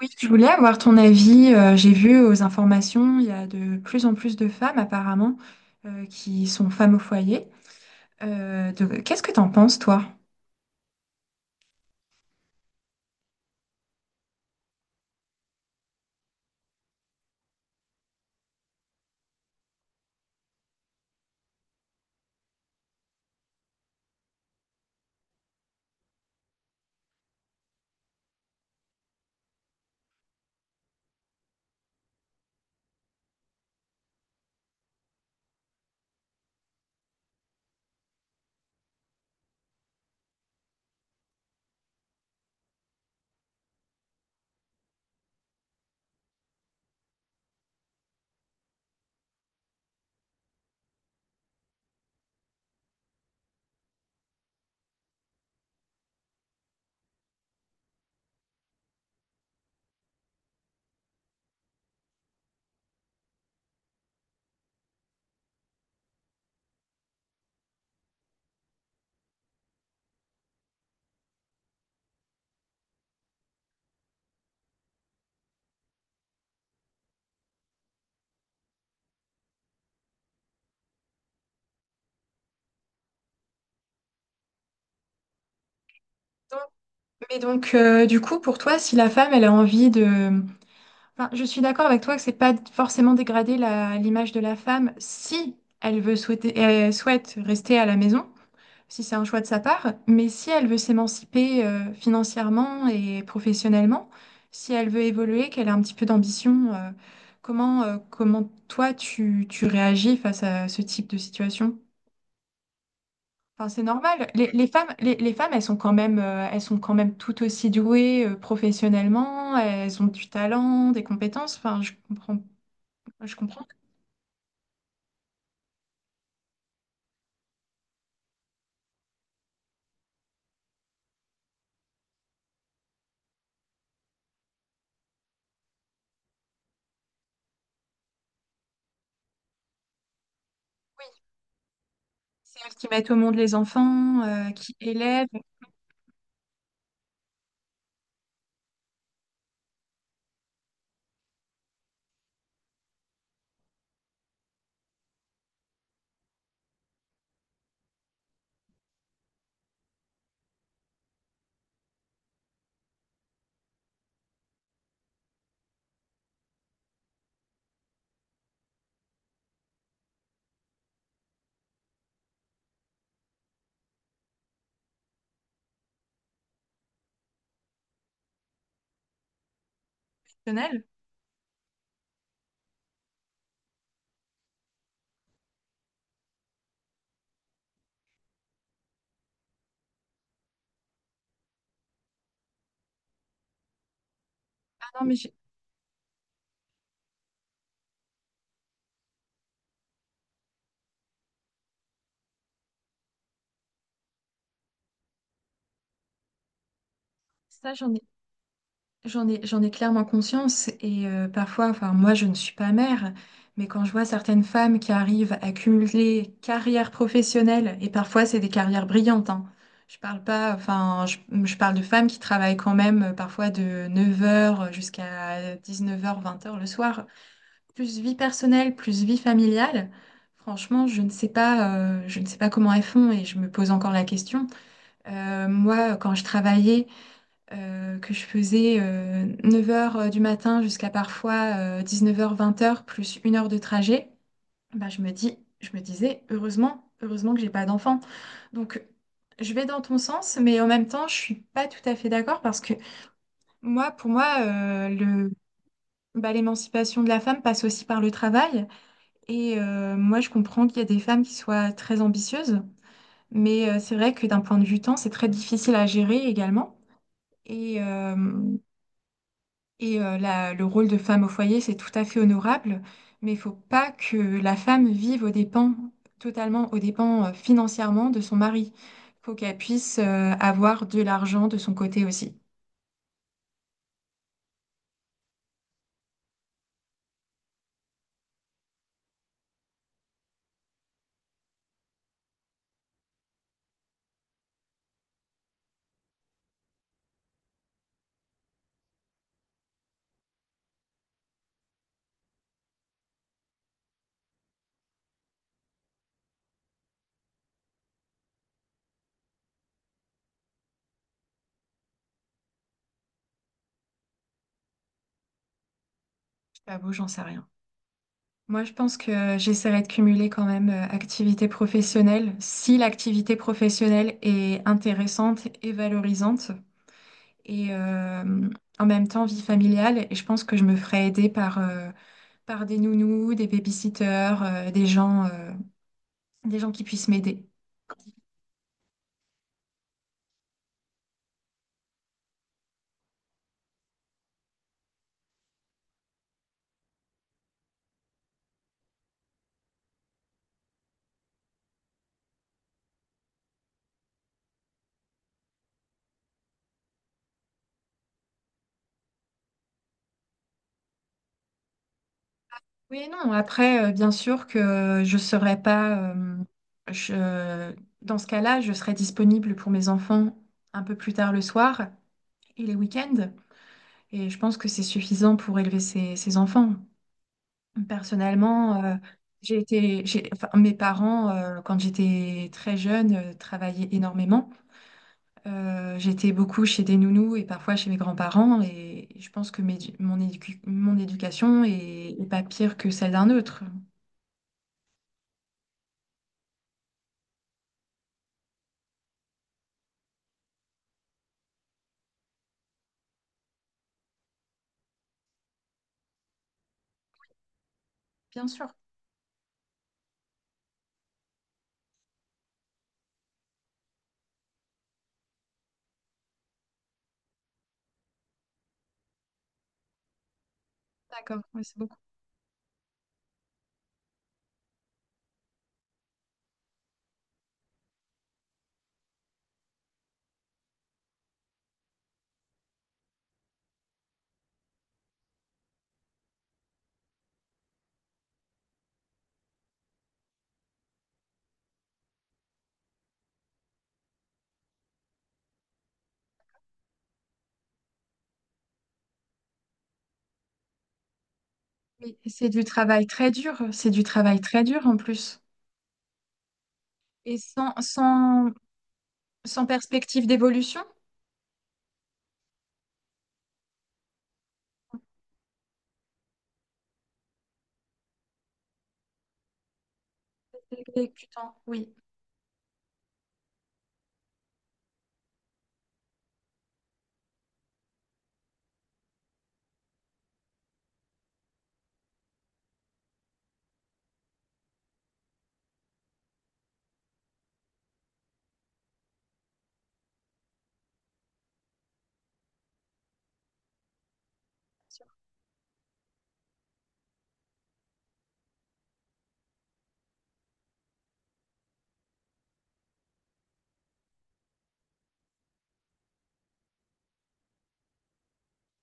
Oui, je voulais avoir ton avis. J'ai vu aux informations, il y a de plus en plus de femmes apparemment qui sont femmes au foyer. Qu'est-ce que t'en penses, toi? Donc- Mais du coup, pour toi, si la femme, elle a envie de... Enfin, je suis d'accord avec toi que c'est pas forcément dégrader l'image de la femme si elle veut souhaiter, elle souhaite rester à la maison. Si c'est un choix de sa part, mais si elle veut s'émanciper financièrement et professionnellement, si elle veut évoluer, qu'elle a un petit peu d'ambition, comment tu réagis face à ce type de situation? Enfin, c'est normal. Les femmes, les femmes, elles sont quand même, elles sont quand même tout aussi douées professionnellement. Elles ont du talent, des compétences. Enfin, je comprends. Que oui, c'est elles qui mettent au monde les enfants, qui élèvent, professionnels. Ah non, mais j'ai- ça, j'en ai J'en ai, j'en ai clairement conscience et parfois, enfin moi je ne suis pas mère, mais quand je vois certaines femmes qui arrivent à cumuler carrière professionnelle, et parfois c'est des carrières brillantes, hein. Je parle pas, enfin je parle de femmes qui travaillent quand même parfois de neuf heures jusqu'à dix-neuf heures, vingt heures le soir. Plus vie personnelle, plus vie familiale, franchement je ne sais pas, je ne sais pas comment elles font et je me pose encore la question. Moi quand je travaillais que je faisais neuf heures du matin jusqu'à parfois dix-neuf heures vingt heures plus une heure de trajet, bah, je me disais, heureusement, heureusement que j'ai pas d'enfant. Donc, je vais dans ton sens, mais en même temps, je suis pas tout à fait d'accord parce que moi, pour moi, bah, l'émancipation de la femme passe aussi par le travail. Et moi, je comprends qu'il y a des femmes qui soient très ambitieuses, mais c'est vrai que d'un point de vue temps, c'est très difficile à gérer également. Et, euh, Et le rôle de femme au foyer, c'est tout à fait honorable, mais il faut pas que la femme vive aux dépens, totalement aux dépens financièrement de son mari. Il faut qu'elle puisse avoir de l'argent de son côté aussi. Je t'avoue, j'en sais rien. Moi, je pense que j'essaierai de cumuler quand même activité professionnelle, si l'activité professionnelle est intéressante et valorisante, et en même temps vie familiale. Et je pense que je me ferai aider par... par des nounous, des babysitters, des gens qui puissent m'aider. Oui et non. Après, bien sûr que je serais pas, je- dans ce cas-là, je serais disponible pour mes enfants un peu plus tard le soir et les week-ends. Et je pense que c'est suffisant pour élever ses enfants. Personnellement, enfin, mes parents, quand j'étais très jeune, travaillaient énormément. J'étais beaucoup chez des nounous et parfois chez mes grands-parents et je pense que mon éducation est, est pas pire que celle d'un autre. Bien sûr, d'accord, oui, c'est beaucoup. Mais c'est du travail très dur, c'est du travail très dur en plus. Et sans perspective d'évolution, c'est que tu t'en- oui,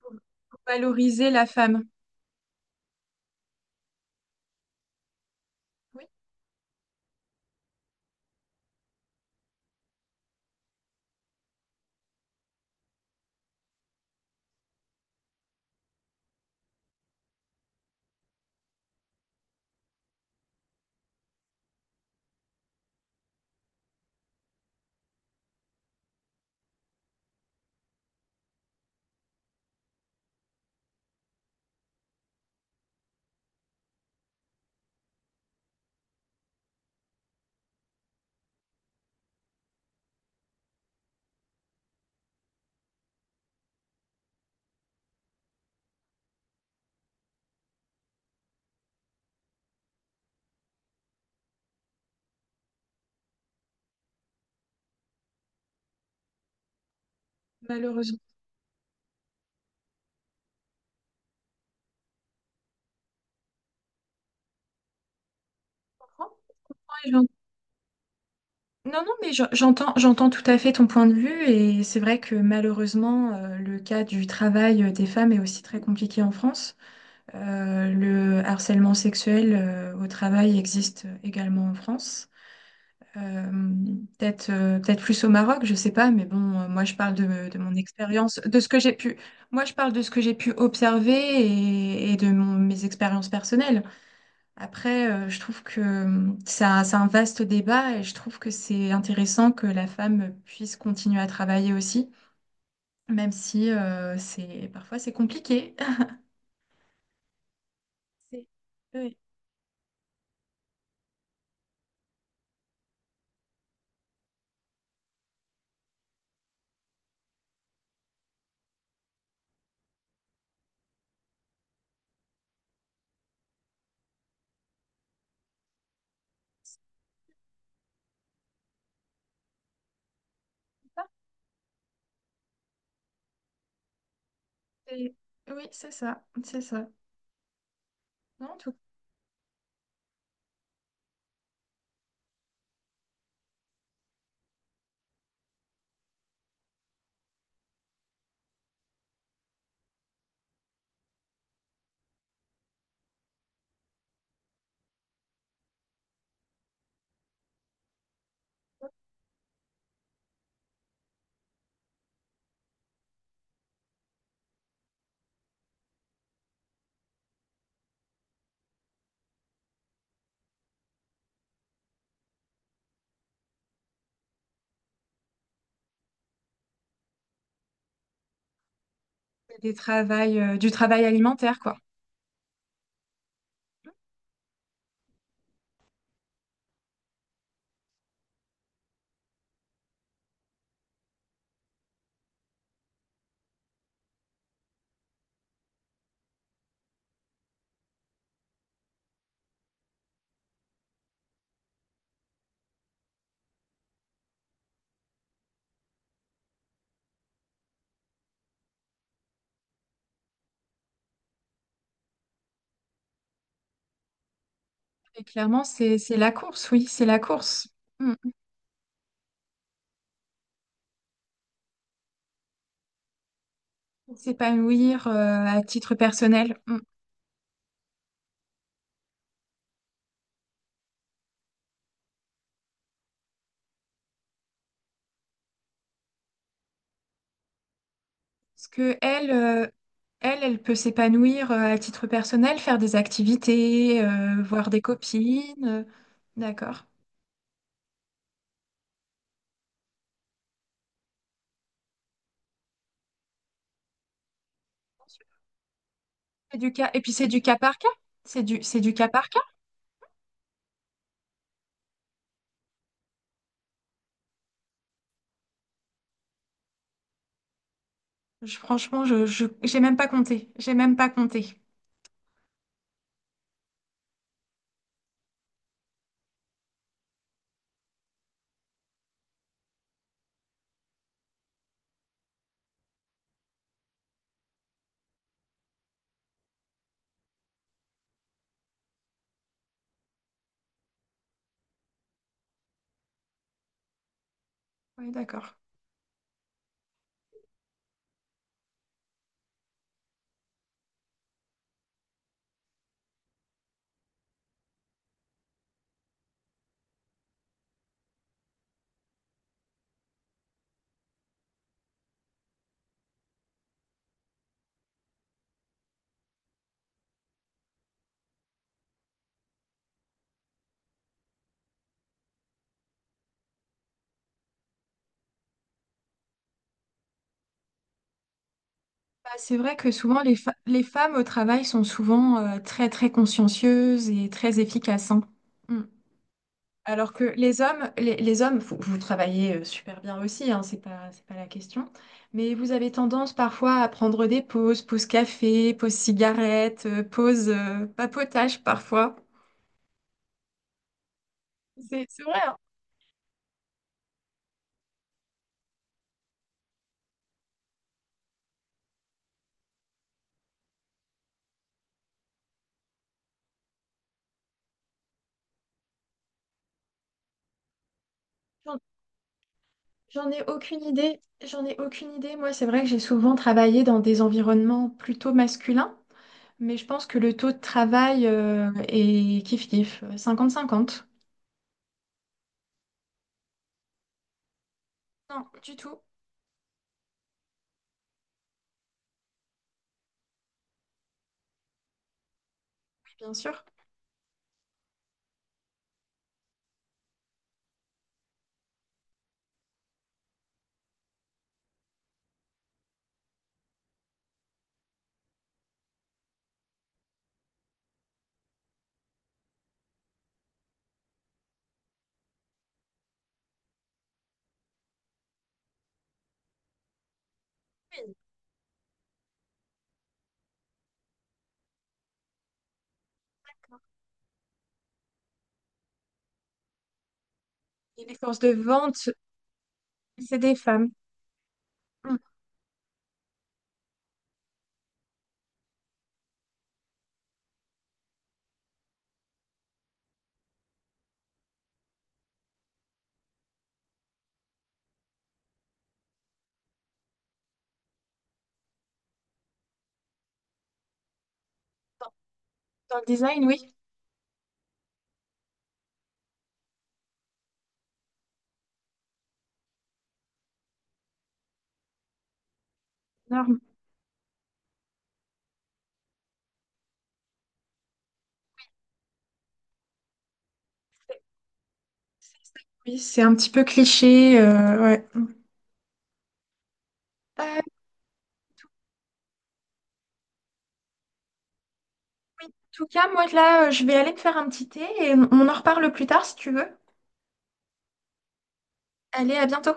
pour, pour valoriser la femme. Oui, malheureusement. Je comprends. Non, non, mais j'entends, j'entends tout à fait ton point de vue et c'est vrai que malheureusement, le cas du travail des femmes est aussi très compliqué en France. Le harcèlement sexuel au travail existe également en France. Euh, Peut-être plus au Maroc, je sais pas, mais bon, moi je parle de mon expérience, de ce que j'ai pu, moi je parle de ce que j'ai pu observer et de mes expériences personnelles. Après, je trouve que c'est un vaste débat et je trouve que c'est intéressant que la femme puisse continuer à travailler aussi, même si c'est parfois c'est compliqué. C'est- Oui. Et- Oui, c'est ça, c'est ça. Non, tout c'est des travails, du travail alimentaire, quoi. Et clairement, c'est la course, oui, c'est la course. Mm. S'épanouir à titre personnel. Parce que elle peut s'épanouir à titre personnel, faire des activités, voir des copines. D'accord. C'est du cas, et puis c'est du cas par cas. C'est du cas par cas. Franchement, j'ai même pas compté. J'ai même pas compté. Oui, d'accord. Bah, c'est vrai que souvent, les femmes au travail sont souvent très, très consciencieuses et très efficaces. Hein. Mm. Alors que les hommes, les hommes, vous, vous travaillez super bien aussi, hein, c'est pas la question, mais vous avez tendance parfois à prendre des pauses, pause café, pause cigarette, pause papotage parfois. C'est vrai, hein. J'en j'en ai aucune idée, j'en ai aucune idée. Moi, c'est vrai que j'ai souvent travaillé dans des environnements plutôt masculins, mais je pense que le taux de travail est kiff-kiff, cinquante. 50. Non, du tout, oui, bien sûr. Oui, d'accord. Et les forces de vente, c'est des femmes. Mm. Dans, dans le design, oui, énorme. C'est ça. Oui, c'est un petit peu cliché. Ouais. Euh, en tout cas, moi là, je vais aller me faire un petit thé et on en reparle plus tard si tu veux. Allez, à bientôt.